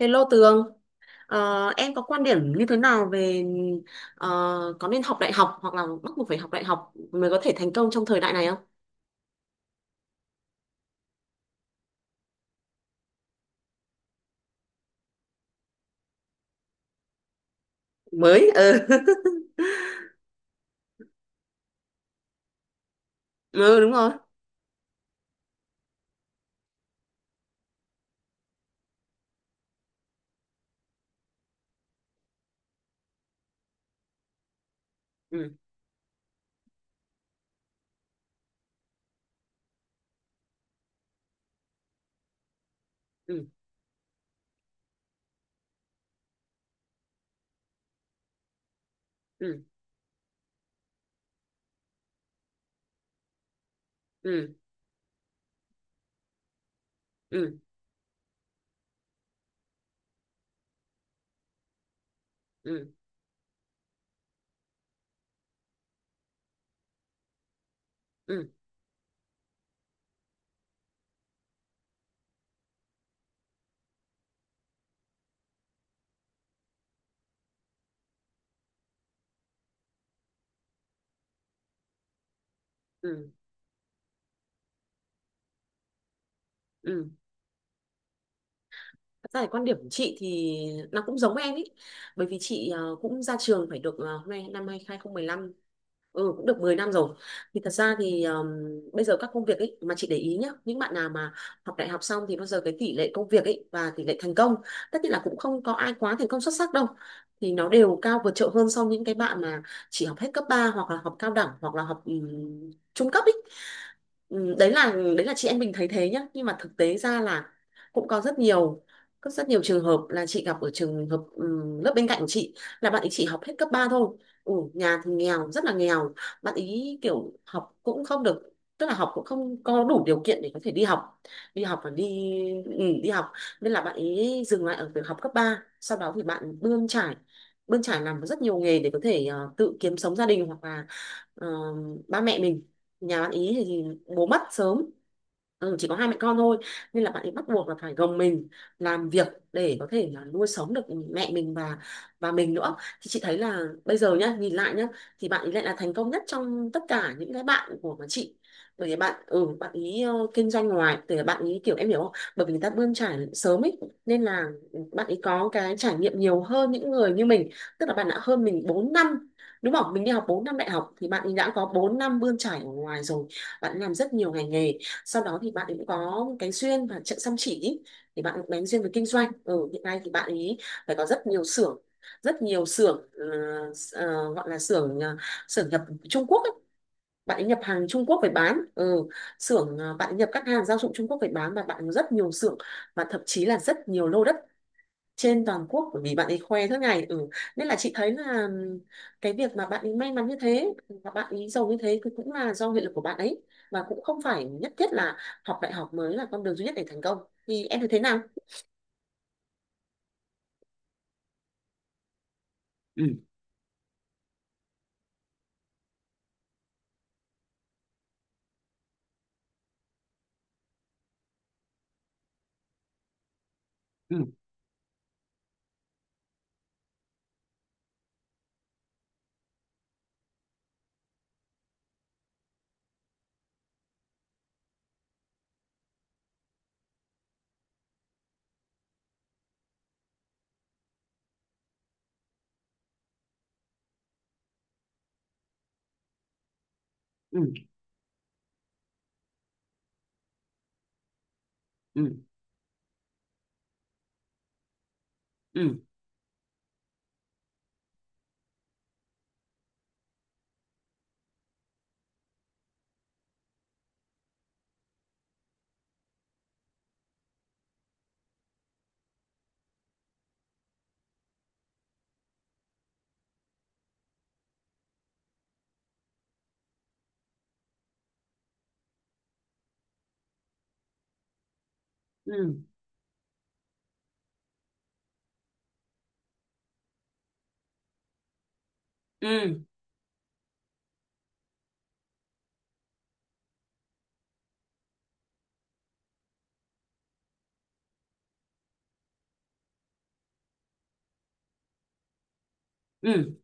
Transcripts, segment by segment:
Hello Tường. Ờ, em có quan điểm như thế nào về ờ, có nên học đại học hoặc là bắt buộc phải học đại học mới có thể thành công trong thời đại này không? Mới, ừ. Ừ, đúng rồi. Ừ, ừ, ừ, ừ, ừ, ừ, ừ, ừ, ừ. Thật ra thì quan điểm của chị thì nó cũng giống em ý, bởi vì chị cũng ra trường phải được hôm nay năm 2015. Ừ, cũng được 10 năm rồi. Thì thật ra thì bây giờ các công việc ấy mà chị để ý nhá, những bạn nào mà học đại học xong thì bao giờ cái tỷ lệ công việc ấy và tỷ lệ thành công, tất nhiên là cũng không có ai quá thành công xuất sắc đâu. Thì nó đều cao vượt trội hơn so với những cái bạn mà chỉ học hết cấp 3 hoặc là học cao đẳng hoặc là học trung cấp ấy. Đấy là chị em mình thấy thế nhá, nhưng mà thực tế ra là cũng có rất nhiều trường hợp là chị gặp ở trường hợp, lớp bên cạnh của chị là bạn ấy chỉ học hết cấp 3 thôi. Nhà thì nghèo rất là nghèo, bạn ý kiểu học cũng không được, tức là học cũng không có đủ điều kiện để có thể đi học và đi học, nên là bạn ý dừng lại ở việc học cấp 3. Sau đó thì bạn bươn trải, làm rất nhiều nghề để có thể tự kiếm sống gia đình hoặc là ờ, ba mẹ mình. Nhà bạn ý thì bố mất sớm, chỉ có hai mẹ con thôi, nên là bạn ấy bắt buộc là phải gồng mình làm việc để có thể là nuôi sống được mẹ mình và mình nữa. Thì chị thấy là bây giờ nhá, nhìn lại nhá, thì bạn ấy lại là thành công nhất trong tất cả những cái bạn của mà chị, bởi vì bạn ý kinh doanh ngoài từ bạn ý, kiểu em hiểu không, bởi vì người ta bươn trải sớm ấy, nên là bạn ấy có cái trải nghiệm nhiều hơn những người như mình, tức là bạn đã hơn mình 4 năm đúng không, mình đi học 4 năm đại học thì bạn ấy đã có 4 năm bươn trải ở ngoài rồi. Bạn làm rất nhiều ngành nghề. Sau đó thì bạn ấy cũng có cái duyên và trận chăm chỉ ý. Thì bạn cũng bén duyên với kinh doanh hiện nay thì bạn ấy phải có rất nhiều xưởng, rất nhiều xưởng, gọi là xưởng nhập Trung Quốc ấy. Bạn ấy nhập hàng Trung Quốc về bán, xưởng, bạn ấy nhập các hàng gia dụng Trung Quốc về bán và bạn có rất nhiều xưởng và thậm chí là rất nhiều lô đất trên toàn quốc, bởi vì bạn ấy khoe suốt ngày ừ. Nên là chị thấy là cái việc mà bạn ấy may mắn như thế và bạn ấy giàu như thế thì cũng là do nghị lực của bạn ấy, và cũng không phải nhất thiết là học đại học mới là con đường duy nhất để thành công, thì em thấy thế nào? Ừ. Ừ. Ừ. Ừ. Ừ. Ừ. Ừ.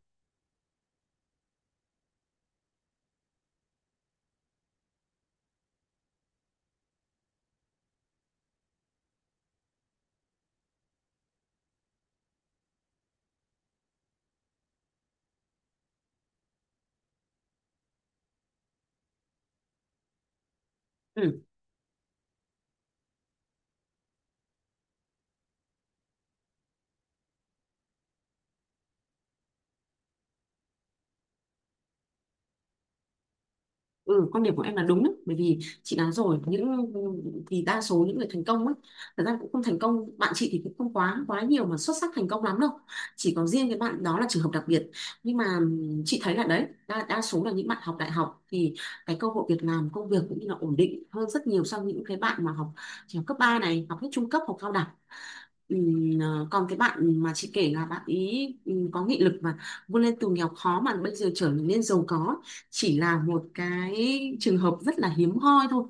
Ừ. Ừ, quan điểm của em là đúng đấy, bởi vì chị nói rồi, những thì đa số những người thành công ấy thật ra cũng không thành công, bạn chị thì cũng không quá quá nhiều mà xuất sắc thành công lắm đâu. Chỉ có riêng cái bạn đó là trường hợp đặc biệt, nhưng mà chị thấy là đấy đa số là những bạn học đại học thì cái cơ hội việc làm công việc cũng như là ổn định hơn rất nhiều so với những cái bạn mà chỉ học cấp 3 này, học hết trung cấp, học cao đẳng. Còn cái bạn mà chị kể là bạn ý có nghị lực mà vươn lên từ nghèo khó mà bây giờ trở nên giàu có, chỉ là một cái trường hợp rất là hiếm hoi thôi.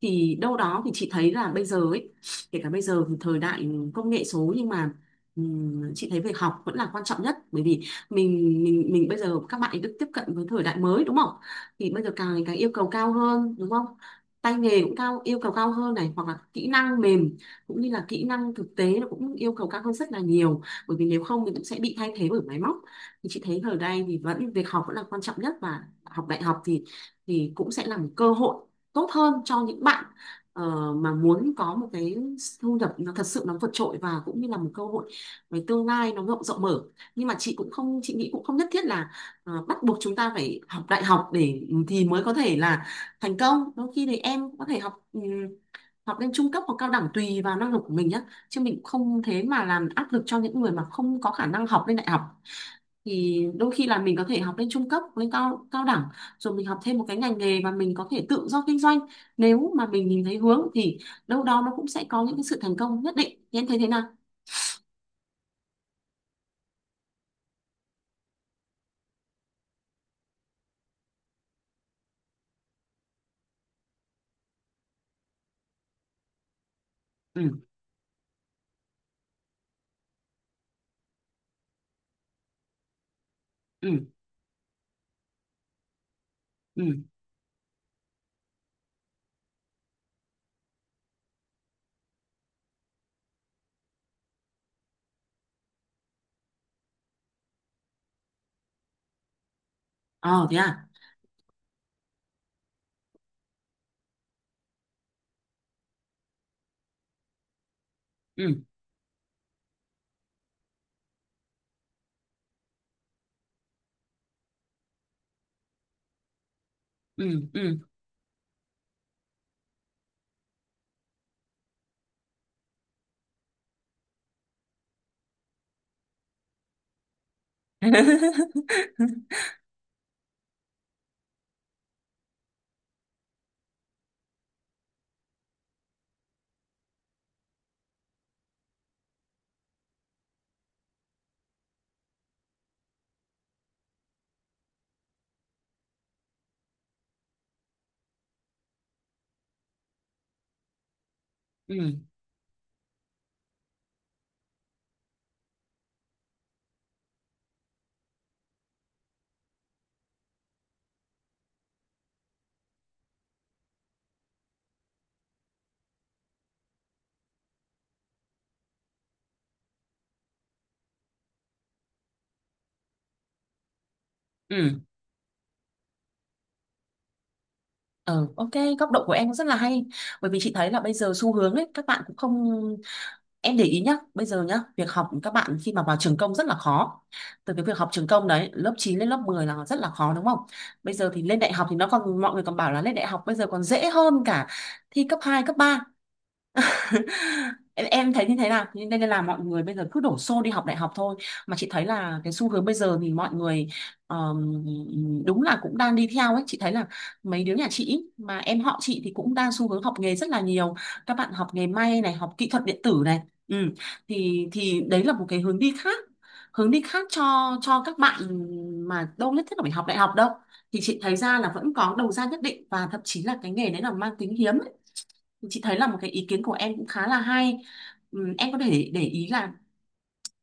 Thì đâu đó thì chị thấy là bây giờ ấy, kể cả bây giờ thì thời đại công nghệ số nhưng mà chị thấy việc học vẫn là quan trọng nhất, bởi vì mình bây giờ các bạn ấy được tiếp cận với thời đại mới đúng không? Thì bây giờ càng ngày càng yêu cầu cao hơn đúng không, tay nghề cũng cao, yêu cầu cao hơn này hoặc là kỹ năng mềm cũng như là kỹ năng thực tế nó cũng yêu cầu cao hơn rất là nhiều, bởi vì nếu không thì cũng sẽ bị thay thế bởi máy móc. Thì chị thấy ở đây thì vẫn việc học vẫn là quan trọng nhất và học đại học thì cũng sẽ là một cơ hội tốt hơn cho những bạn mà muốn có một cái thu nhập nó thật sự nó vượt trội, và cũng như là một cơ hội về tương lai nó rộng rộng mở. Nhưng mà chị nghĩ cũng không nhất thiết là bắt buộc chúng ta phải học đại học để thì mới có thể là thành công. Đôi khi thì em có thể học lên trung cấp hoặc cao đẳng tùy vào năng lực của mình nhé, chứ mình cũng không thế mà làm áp lực cho những người mà không có khả năng học lên đại học. Thì đôi khi là mình có thể học lên trung cấp lên cao cao đẳng rồi mình học thêm một cái ngành nghề và mình có thể tự do kinh doanh, nếu mà mình nhìn thấy hướng thì đâu đó nó cũng sẽ có những cái sự thành công nhất định, thì em thấy thế nào? Ừ. Ừ. Ừ. Ờ, thế à? Ừ. Ừ. Ừ. Ừ. Ừ. Ừ, ok, góc độ của em cũng rất là hay. Bởi vì chị thấy là bây giờ xu hướng ấy, các bạn cũng không. Em để ý nhá, bây giờ nhá, việc học các bạn khi mà vào trường công rất là khó. Từ cái việc học trường công đấy, lớp 9 lên lớp 10 là rất là khó đúng không? Bây giờ thì lên đại học thì nó còn, mọi người còn bảo là lên đại học bây giờ còn dễ hơn cả thi cấp 2 cấp ba, em thấy như thế nào, nên nên là mọi người bây giờ cứ đổ xô đi học đại học thôi. Mà chị thấy là cái xu hướng bây giờ thì mọi người ờm, đúng là cũng đang đi theo ấy, chị thấy là mấy đứa nhà chị mà em họ chị thì cũng đang xu hướng học nghề rất là nhiều, các bạn học nghề may này, học kỹ thuật điện tử này ừ. Thì đấy là một cái hướng đi khác, hướng đi khác cho cho các bạn mà đâu nhất thiết là phải học đại học đâu, thì chị thấy ra là vẫn có đầu ra nhất định và thậm chí là cái nghề đấy là mang tính hiếm. Chị thấy là một cái ý kiến của em cũng khá là hay. Em có thể để ý là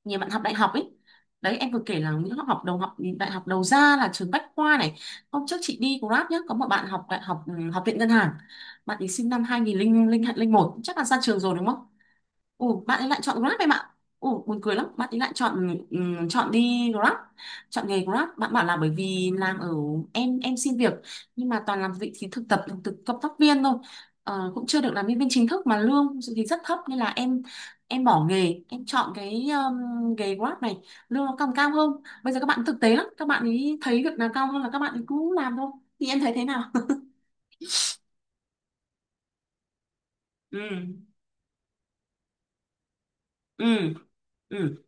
nhiều bạn học đại học ấy, đấy em vừa kể là những học đầu học đại học đầu ra là trường Bách Khoa này. Hôm trước chị đi Grab nhá, có một bạn học đại học học viện ngân hàng, bạn ấy sinh năm 2001 chắc là ra trường rồi đúng không? Ồ, bạn ấy lại chọn Grab em ạ. Ồ, buồn cười lắm. Bạn ấy lại chọn chọn đi Grab, chọn nghề Grab. Bạn bảo là bởi vì làm ở em xin việc nhưng mà toàn làm vị trí thực tập, thực cộng tác viên thôi. Cũng chưa được làm nhân viên chính thức mà lương thì rất thấp, nên là em bỏ nghề, em chọn cái nghề Grab này, lương nó còn cao hơn. Bây giờ các bạn thực tế lắm, các bạn ấy thấy việc nào cao hơn là các bạn ấy cứ làm thôi. Thì em thấy thế nào? Ừ. Ừ. Ừ.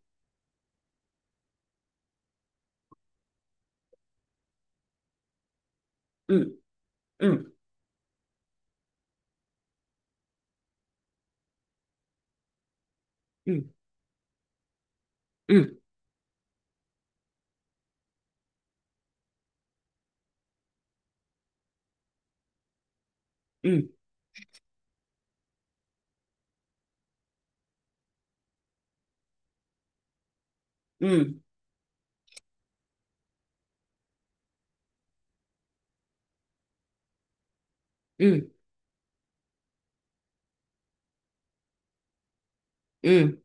Ừ. Ừ. Ừ. Ừ. Ừ. Ừ. Ừ. Ừ.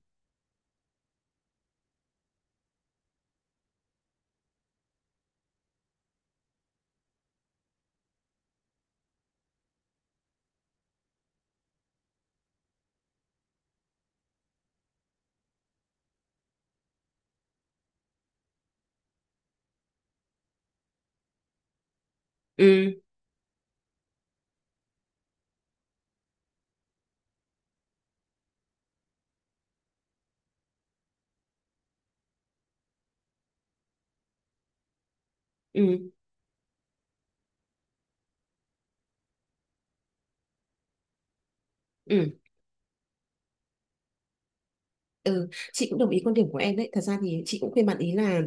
Ừ. Ừ. Ừ. Ừ, chị cũng đồng ý quan điểm của em đấy. Thật ra thì chị cũng khuyên bạn ý là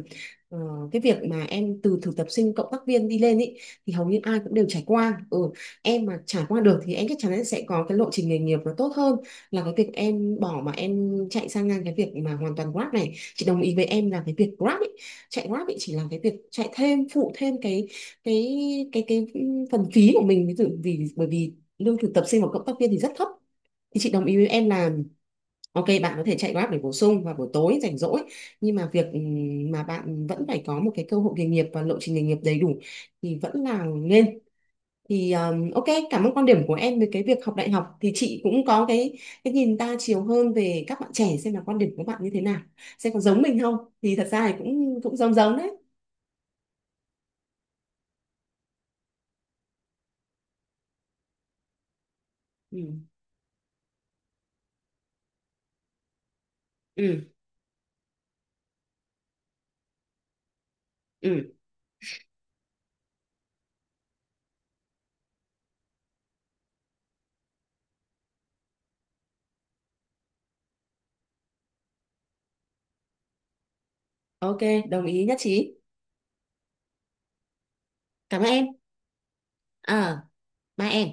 ờ, cái việc mà em từ thực tập sinh cộng tác viên đi lên ý, thì hầu như ai cũng đều trải qua. Ừ, em mà trải qua được thì em chắc chắn là sẽ có cái lộ trình nghề nghiệp nó tốt hơn là cái việc em bỏ mà em chạy sang ngang cái việc mà hoàn toàn Grab này. Chị đồng ý với em là cái việc Grab ý, chạy Grab ý chỉ là cái việc chạy thêm phụ thêm cái cái phần phí của mình, ví dụ bởi vì lương thực tập sinh và cộng tác viên thì rất thấp. Thì chị đồng ý với em là, ok, bạn có thể chạy Grab để bổ sung vào buổi tối rảnh rỗi, nhưng mà việc mà bạn vẫn phải có một cái cơ hội nghề nghiệp và lộ trình nghề nghiệp đầy đủ thì vẫn là nên. Thì ok. Cảm ơn quan điểm của em về cái việc học đại học, thì chị cũng có cái nhìn đa chiều hơn về các bạn trẻ, xem là quan điểm của bạn như thế nào, xem có giống mình không, thì thật ra thì cũng cũng giống giống đấy. Ừ. Ừ. Ừ. Ok, đồng ý nhất trí. Cảm ơn em. À, ba em.